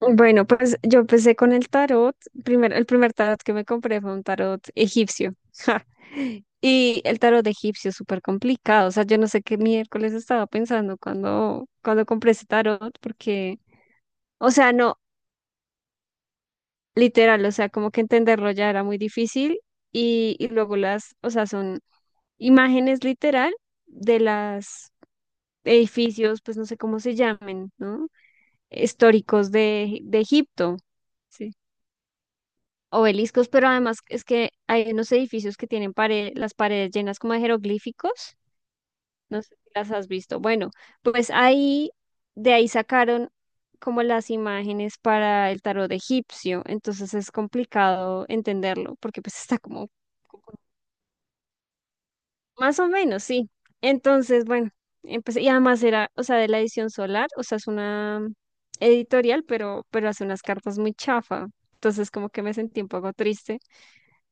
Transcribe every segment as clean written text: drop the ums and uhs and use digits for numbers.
Bueno, pues yo empecé con el tarot. El primer tarot que me compré fue un tarot egipcio. Ja. Y el tarot egipcio es súper complicado. O sea, yo no sé qué miércoles estaba pensando cuando compré ese tarot, porque, o sea, no, literal, o sea, como que entenderlo ya era muy difícil. Y luego las, o sea, son imágenes literal de las edificios, pues no sé cómo se llamen, ¿no? Históricos de Egipto. Sí, obeliscos, pero además es que hay unos edificios que tienen las paredes llenas como de jeroglíficos. No sé si las has visto. Bueno, pues ahí, de ahí sacaron como las imágenes para el tarot egipcio. Entonces es complicado entenderlo porque pues está como como- más o menos, sí. Entonces, bueno, empecé, y además era, o sea, de la edición solar, o sea, es una editorial, pero hace unas cartas muy chafa. Entonces, como que me sentí un poco triste.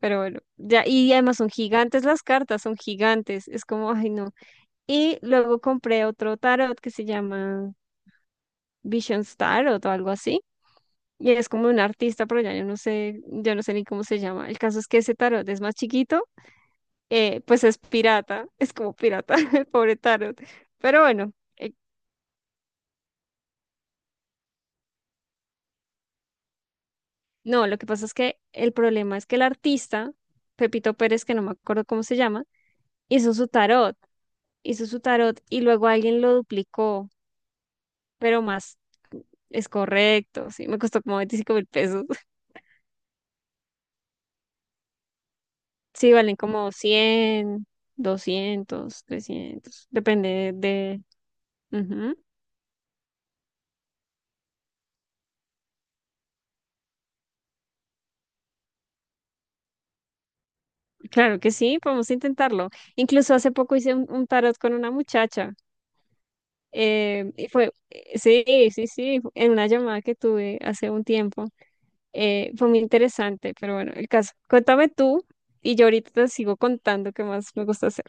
Pero bueno, ya, y además son gigantes las cartas, son gigantes, es como, ay no. Y luego compré otro tarot que se llama Visions Tarot o algo así, y es como un artista, pero ya yo no sé ni cómo se llama. El caso es que ese tarot es más chiquito, pues es pirata, es como pirata, el pobre tarot. Pero bueno, no, lo que pasa es que el problema es que el artista, Pepito Pérez, que no me acuerdo cómo se llama, hizo su tarot, hizo su tarot y luego alguien lo duplicó, pero más. Es correcto, sí, me costó como 25.000 pesos. Sí, valen como 100, 200, 300, depende de... Ujú. Claro que sí, podemos intentarlo. Incluso hace poco hice un tarot con una muchacha. Y fue, sí, sí, sí, en una llamada que tuve hace un tiempo. Fue muy interesante, pero bueno, el caso. Cuéntame tú y yo ahorita te sigo contando qué más me gusta hacer.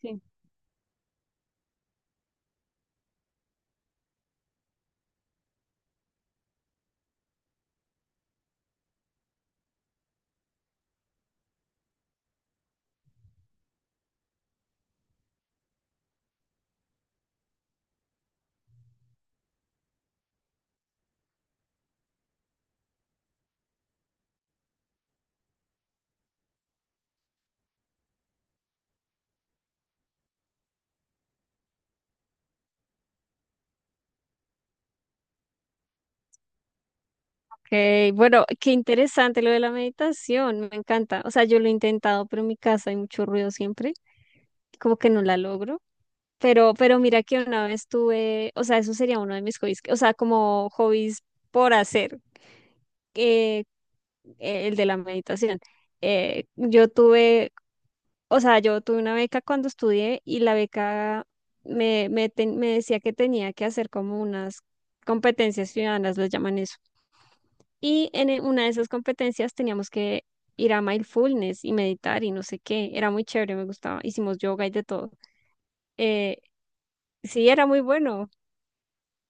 Sí. Ok, bueno, qué interesante lo de la meditación, me encanta. O sea, yo lo he intentado, pero en mi casa hay mucho ruido siempre, como que no la logro. Pero mira que una vez tuve, o sea, eso sería uno de mis hobbies, o sea, como hobbies por hacer, eh, el de la meditación. Yo tuve, o sea, yo tuve una beca cuando estudié y la beca me decía que tenía que hacer como unas competencias ciudadanas, lo llaman eso. Y en una de esas competencias teníamos que ir a mindfulness y meditar y no sé qué. Era muy chévere, me gustaba. Hicimos yoga y de todo. Eh, sí, era muy bueno.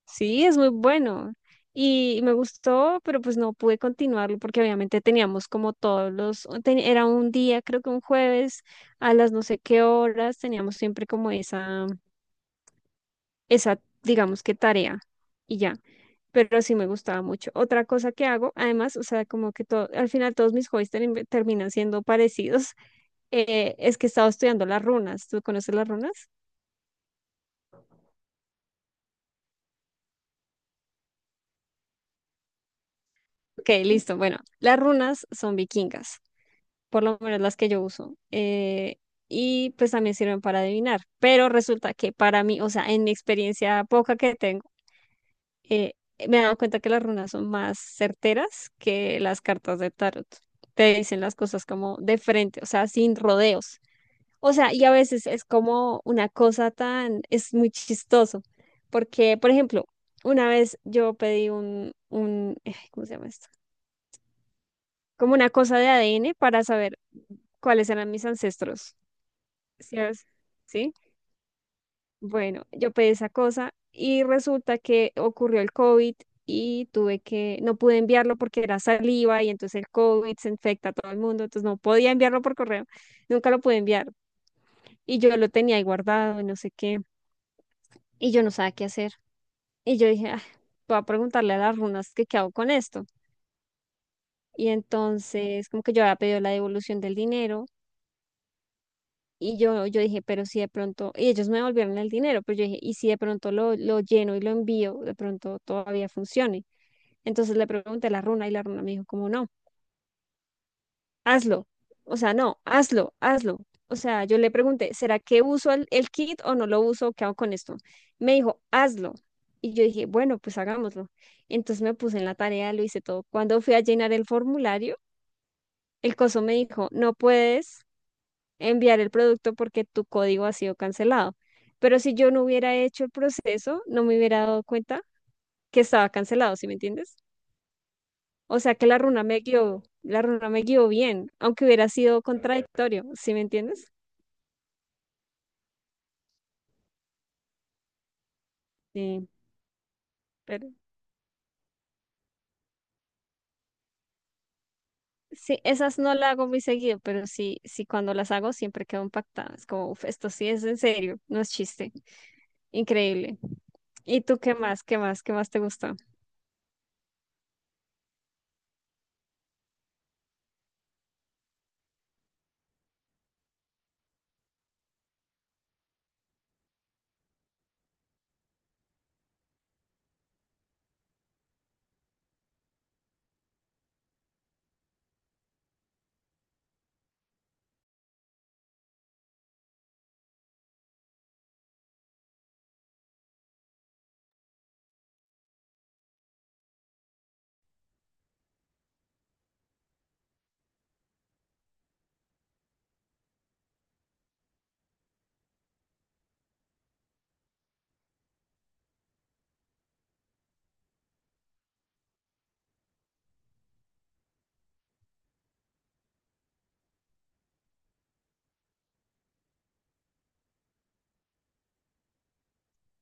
Sí, es muy bueno. Y me gustó, pero pues no pude continuarlo porque obviamente teníamos como todos los, era un día, creo que un jueves, a las no sé qué horas, teníamos siempre como esa digamos que tarea y ya. Pero sí me gustaba mucho. Otra cosa que hago, además, o sea, como que todo, al final todos mis hobbies terminan siendo parecidos, es que he estado estudiando las runas. ¿Tú conoces las runas? Ok, listo. Bueno, las runas son vikingas, por lo menos las que yo uso. Y pues también sirven para adivinar. Pero resulta que para mí, o sea, en mi experiencia poca que tengo, eh, me he dado cuenta que las runas son más certeras que las cartas de tarot. Te dicen las cosas como de frente, o sea, sin rodeos. O sea, y a veces es como una cosa tan, es muy chistoso, porque, por ejemplo, una vez yo pedí ¿cómo se llama esto? Como una cosa de ADN para saber cuáles eran mis ancestros. ¿Sí? ¿Sabes? ¿Sí? Bueno, yo pedí esa cosa y resulta que ocurrió el COVID y tuve que, no pude enviarlo porque era saliva y entonces el COVID se infecta a todo el mundo, entonces no podía enviarlo por correo, nunca lo pude enviar y yo lo tenía ahí guardado y no sé qué y yo no sabía qué hacer y yo dije, "Ah, voy a preguntarle a las runas que qué hago con esto". Y entonces como que yo había pedido la devolución del dinero y yo dije, pero si de pronto, y ellos me devolvieron el dinero, pero yo dije, y si de pronto lo lleno y lo envío, de pronto todavía funcione. Entonces le pregunté a la runa y la runa me dijo, como no, hazlo. O sea, no, hazlo, hazlo. O sea, yo le pregunté, ¿será que uso el kit o no lo uso? ¿Qué hago con esto? Me dijo, hazlo. Y yo dije, bueno, pues hagámoslo. Entonces me puse en la tarea, lo hice todo. Cuando fui a llenar el formulario, el coso me dijo, no puedes enviar el producto porque tu código ha sido cancelado. Pero si yo no hubiera hecho el proceso, no me hubiera dado cuenta que estaba cancelado, ¿sí me entiendes? O sea que la runa me guió, la runa me guió bien, aunque hubiera sido contradictorio, ¿sí me entiendes? Sí, pero sí, esas no las hago muy seguido, pero sí, sí cuando las hago siempre quedo impactada. Es como, "Uf, esto sí es en serio, no es chiste". Increíble. ¿Y tú qué más? ¿Qué más? ¿Qué más te gusta?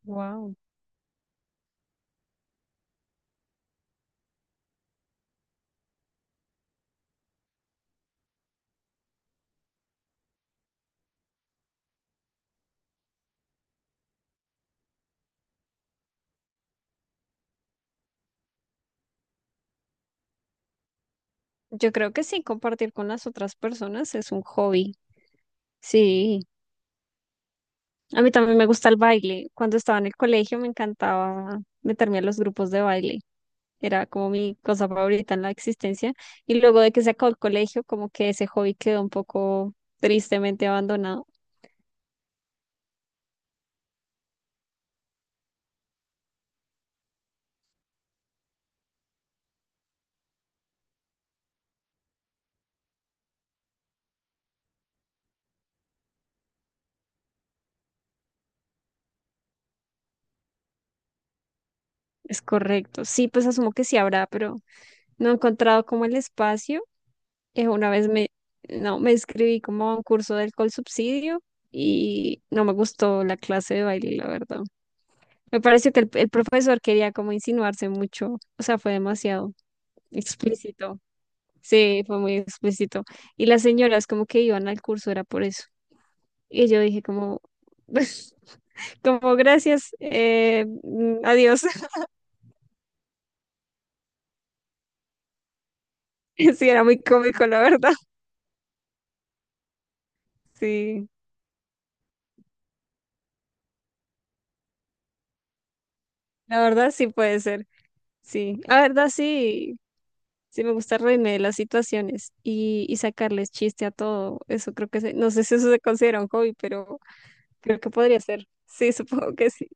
Wow. Yo creo que sí, compartir con las otras personas es un hobby. Sí, a mí también me gusta el baile. Cuando estaba en el colegio me encantaba meterme a los grupos de baile. Era como mi cosa favorita en la existencia. Y luego de que se acabó el colegio, como que ese hobby quedó un poco tristemente abandonado. Es correcto. Sí, pues asumo que sí habrá, pero no he encontrado como el espacio. Una vez me, no, me inscribí como a un curso del Colsubsidio y no me gustó la clase de baile, la verdad. Me parece que el profesor quería como insinuarse mucho, o sea, fue demasiado explícito. Sí, fue muy explícito. Y las señoras como que iban al curso, era por eso. Y yo dije como, como gracias, adiós. Sí, era muy cómico, la verdad. Sí, la verdad sí puede ser. Sí, la verdad sí, sí me gusta reírme de las situaciones y sacarles chiste a todo. Eso creo que, no sé si eso se considera un hobby, pero creo que podría ser. Sí, supongo que sí.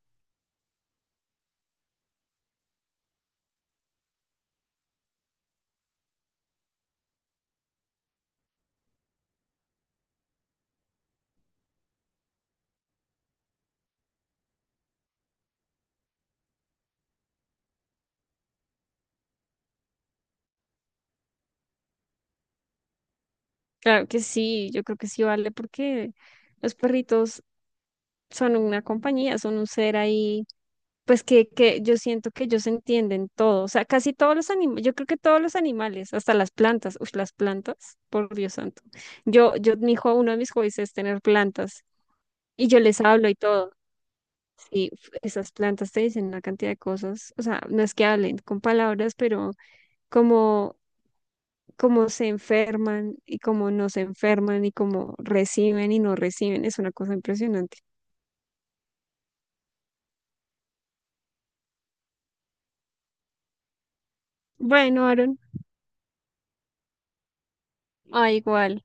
Claro que sí, yo creo que sí vale porque los perritos son una compañía, son un ser ahí, pues que yo siento que ellos entienden todo, o sea, casi todos los animales, yo creo que todos los animales, hasta las plantas, uy, las plantas, por Dios santo. Mi hijo, uno de mis hobbies es tener plantas y yo les hablo y todo, y esas plantas te dicen una cantidad de cosas, o sea, no es que hablen con palabras, pero como cómo se enferman y cómo no se enferman y cómo reciben y no reciben. Es una cosa impresionante. Bueno, Aaron, igual.